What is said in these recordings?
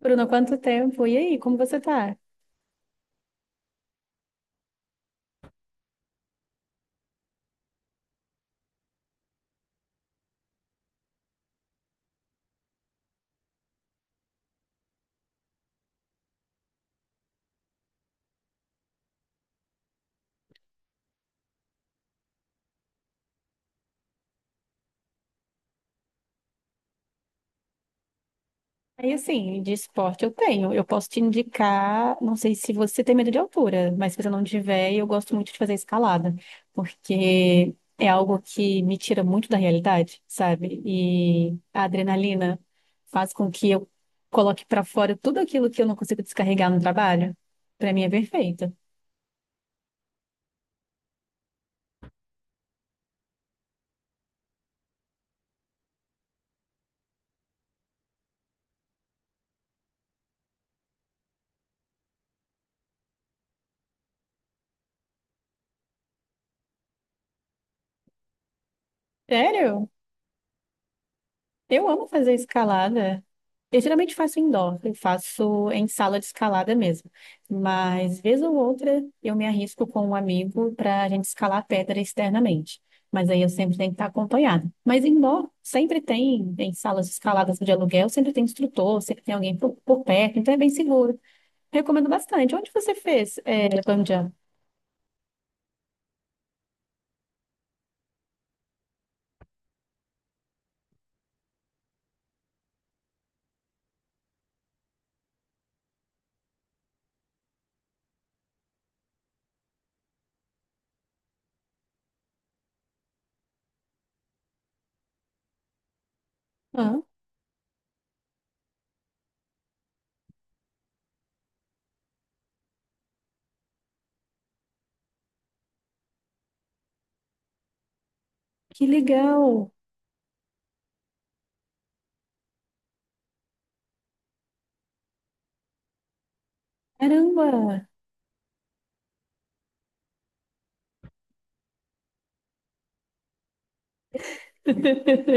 Bruno, quanto tempo? E aí, como você tá? Aí, assim, de esporte eu tenho. Eu posso te indicar, não sei se você tem medo de altura, mas se você não tiver, eu gosto muito de fazer escalada, porque é algo que me tira muito da realidade, sabe? E a adrenalina faz com que eu coloque pra fora tudo aquilo que eu não consigo descarregar no trabalho. Pra mim é perfeito. Sério? Eu amo fazer escalada. Eu geralmente faço indoor, eu faço em sala de escalada mesmo. Mas, vez ou outra, eu me arrisco com um amigo para a gente escalar a pedra externamente. Mas aí eu sempre tenho que estar acompanhada. Mas indoor, sempre tem, em salas de escaladas de aluguel, sempre tem instrutor, sempre tem alguém por perto, então é bem seguro. Recomendo bastante. Onde você fez, bungee jump? Ah, que legal! Caramba!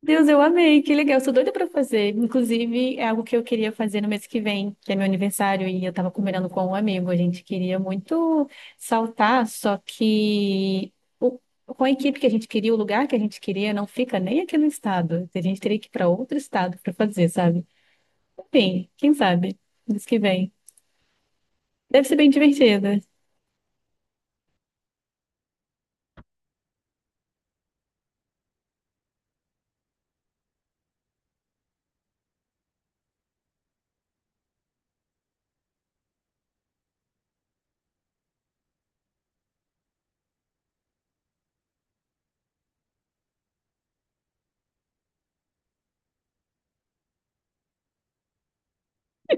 Deus, eu amei, que legal, eu sou doida pra fazer. Inclusive, é algo que eu queria fazer no mês que vem, que é meu aniversário, e eu tava combinando com um amigo. A gente queria muito saltar, só que o- com a equipe que a gente queria, o lugar que a gente queria, não fica nem aqui no estado. A gente teria que ir pra outro estado pra fazer, sabe? Enfim, quem sabe, mês que vem. Deve ser bem divertido.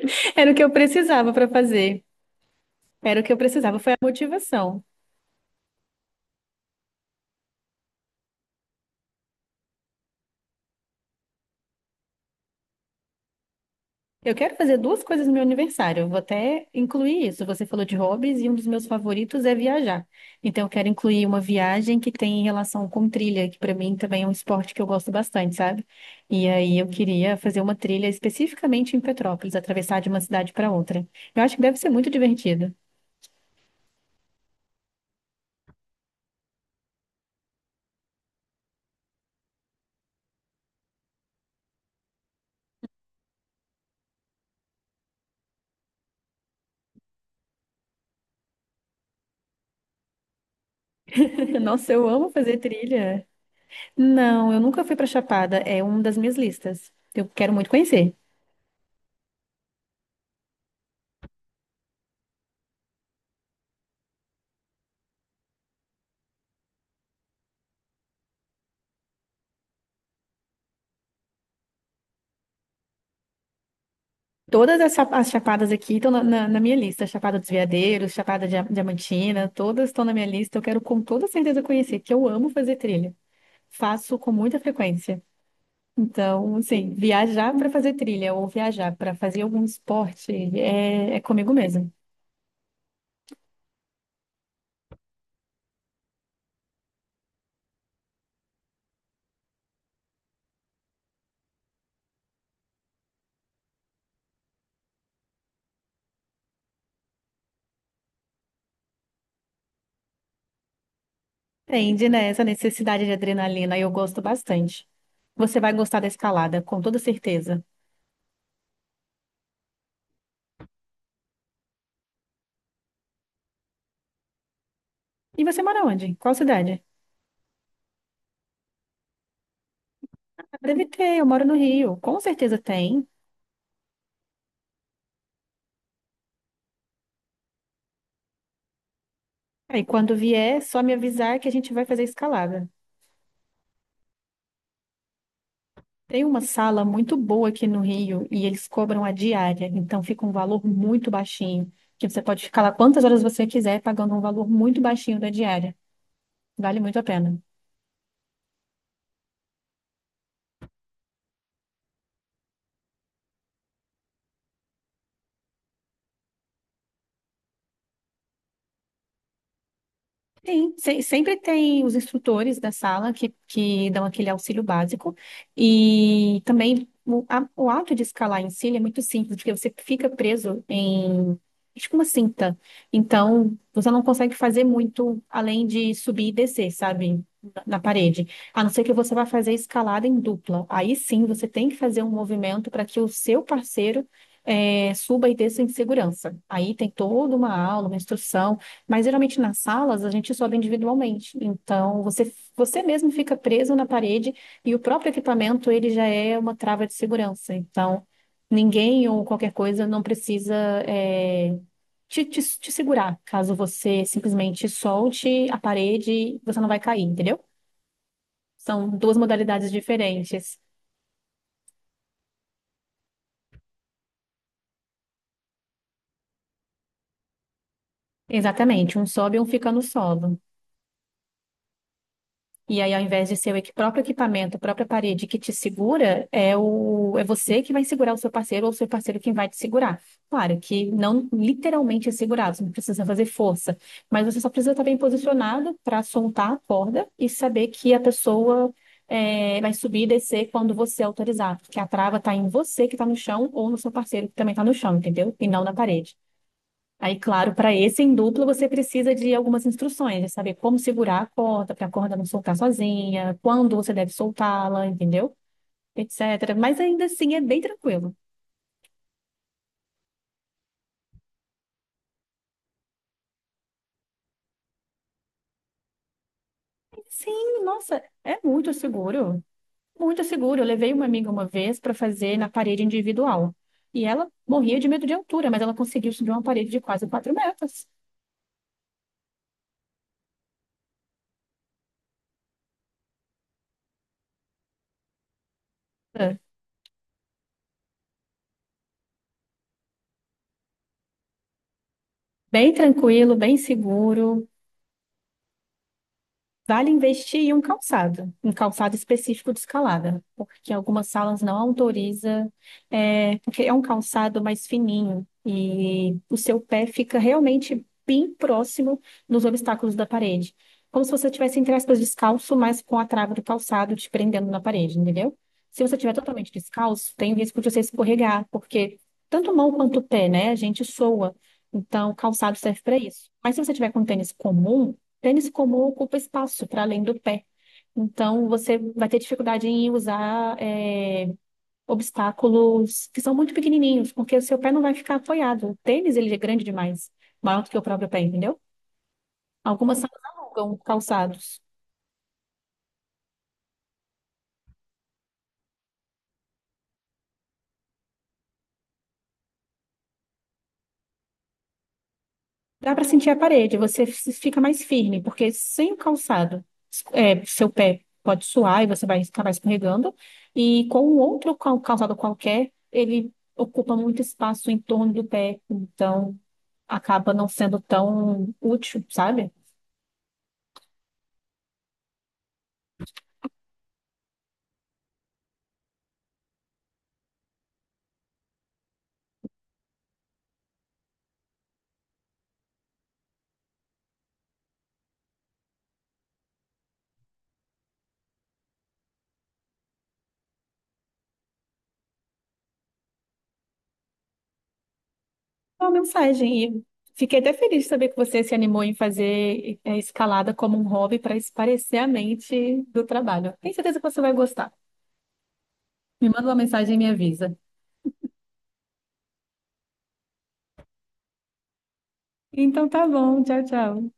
Era o que eu precisava pra fazer. Era o que eu precisava, foi a motivação. Eu quero fazer duas coisas no meu aniversário. Eu vou até incluir isso. Você falou de hobbies e um dos meus favoritos é viajar. Então, eu quero incluir uma viagem que tem relação com trilha, que para mim também é um esporte que eu gosto bastante, sabe? E aí eu queria fazer uma trilha especificamente em Petrópolis, atravessar de uma cidade para outra. Eu acho que deve ser muito divertido. Nossa, eu amo fazer trilha. Não, eu nunca fui para Chapada. É uma das minhas listas. Eu quero muito conhecer. Todas as, as chapadas aqui estão na minha lista. Chapada dos Veadeiros, Chapada Diamantina, todas estão na minha lista. Eu quero com toda certeza conhecer, que eu amo fazer trilha. Faço com muita frequência. Então, assim, viajar para fazer trilha ou viajar para fazer algum esporte é comigo mesmo. Entende, né, essa necessidade de adrenalina, eu gosto bastante. Você vai gostar da escalada, com toda certeza. E você mora onde? Qual cidade? Deve ter, eu moro no Rio. Com certeza tem. E quando vier, só me avisar que a gente vai fazer escalada. Tem uma sala muito boa aqui no Rio e eles cobram a diária, então fica um valor muito baixinho, que você pode ficar lá quantas horas você quiser, pagando um valor muito baixinho da diária. Vale muito a pena. Sim, sempre tem os instrutores da sala que dão aquele auxílio básico e também o ato de escalar em si ele é muito simples, porque você fica preso em tipo uma cinta. Então, você não consegue fazer muito além de subir e descer, sabe? Na parede. A não ser que você vá fazer escalada em dupla. Aí sim, você tem que fazer um movimento para que o seu parceiro suba e desça em segurança. Aí tem toda uma aula, uma instrução, mas geralmente nas salas a gente sobe individualmente. Então você mesmo fica preso na parede e o próprio equipamento ele já é uma trava de segurança. Então ninguém ou qualquer coisa não precisa é, te segurar caso você simplesmente solte a parede, você não vai cair, entendeu? São duas modalidades diferentes. Exatamente, um sobe e um fica no solo. E aí, ao invés de ser o próprio equipamento, a própria parede que te segura, é você que vai segurar o seu parceiro ou o seu parceiro quem vai te segurar. Claro que não literalmente é segurar, você não precisa fazer força, mas você só precisa estar bem posicionado para soltar a corda e saber que a pessoa vai subir e descer quando você autorizar, porque a trava está em você que está no chão ou no seu parceiro que também está no chão, entendeu? E não na parede. Aí, claro, para esse em dupla você precisa de algumas instruções, de saber como segurar a corda, para a corda não soltar sozinha, quando você deve soltá-la, entendeu? Etc. Mas ainda assim é bem tranquilo. Sim, nossa, é muito seguro. Muito seguro. Eu levei uma amiga uma vez para fazer na parede individual. E ela morria de medo de altura, mas ela conseguiu subir uma parede de quase 4 metros. É. Bem tranquilo, bem seguro. Vale investir em um calçado específico de escalada, porque algumas salas não autorizam, porque é um calçado mais fininho e o seu pé fica realmente bem próximo dos obstáculos da parede. Como se você estivesse, entre aspas, descalço, mas com a trava do calçado te prendendo na parede, entendeu? Se você estiver totalmente descalço, tem o risco de você escorregar, porque tanto mão quanto pé, né, a gente soa. Então, o calçado serve para isso. Mas se você tiver com um tênis comum, tênis comum ocupa espaço para além do pé. Então, você vai ter dificuldade em usar obstáculos que são muito pequenininhos, porque o seu pé não vai ficar apoiado. O tênis, ele é grande demais, maior do que o próprio pé, entendeu? Algumas salas alugam calçados. Dá para sentir a parede, você fica mais firme, porque sem o calçado, seu pé pode suar e você vai acabar escorregando. E com um outro calçado qualquer, ele ocupa muito espaço em torno do pé. Então, acaba não sendo tão útil, sabe? É uma mensagem. E fiquei até feliz de saber que você se animou em fazer escalada como um hobby para espairecer a mente do trabalho. Tenho certeza que você vai gostar. Me manda uma mensagem e me avisa. Então tá bom, tchau, tchau.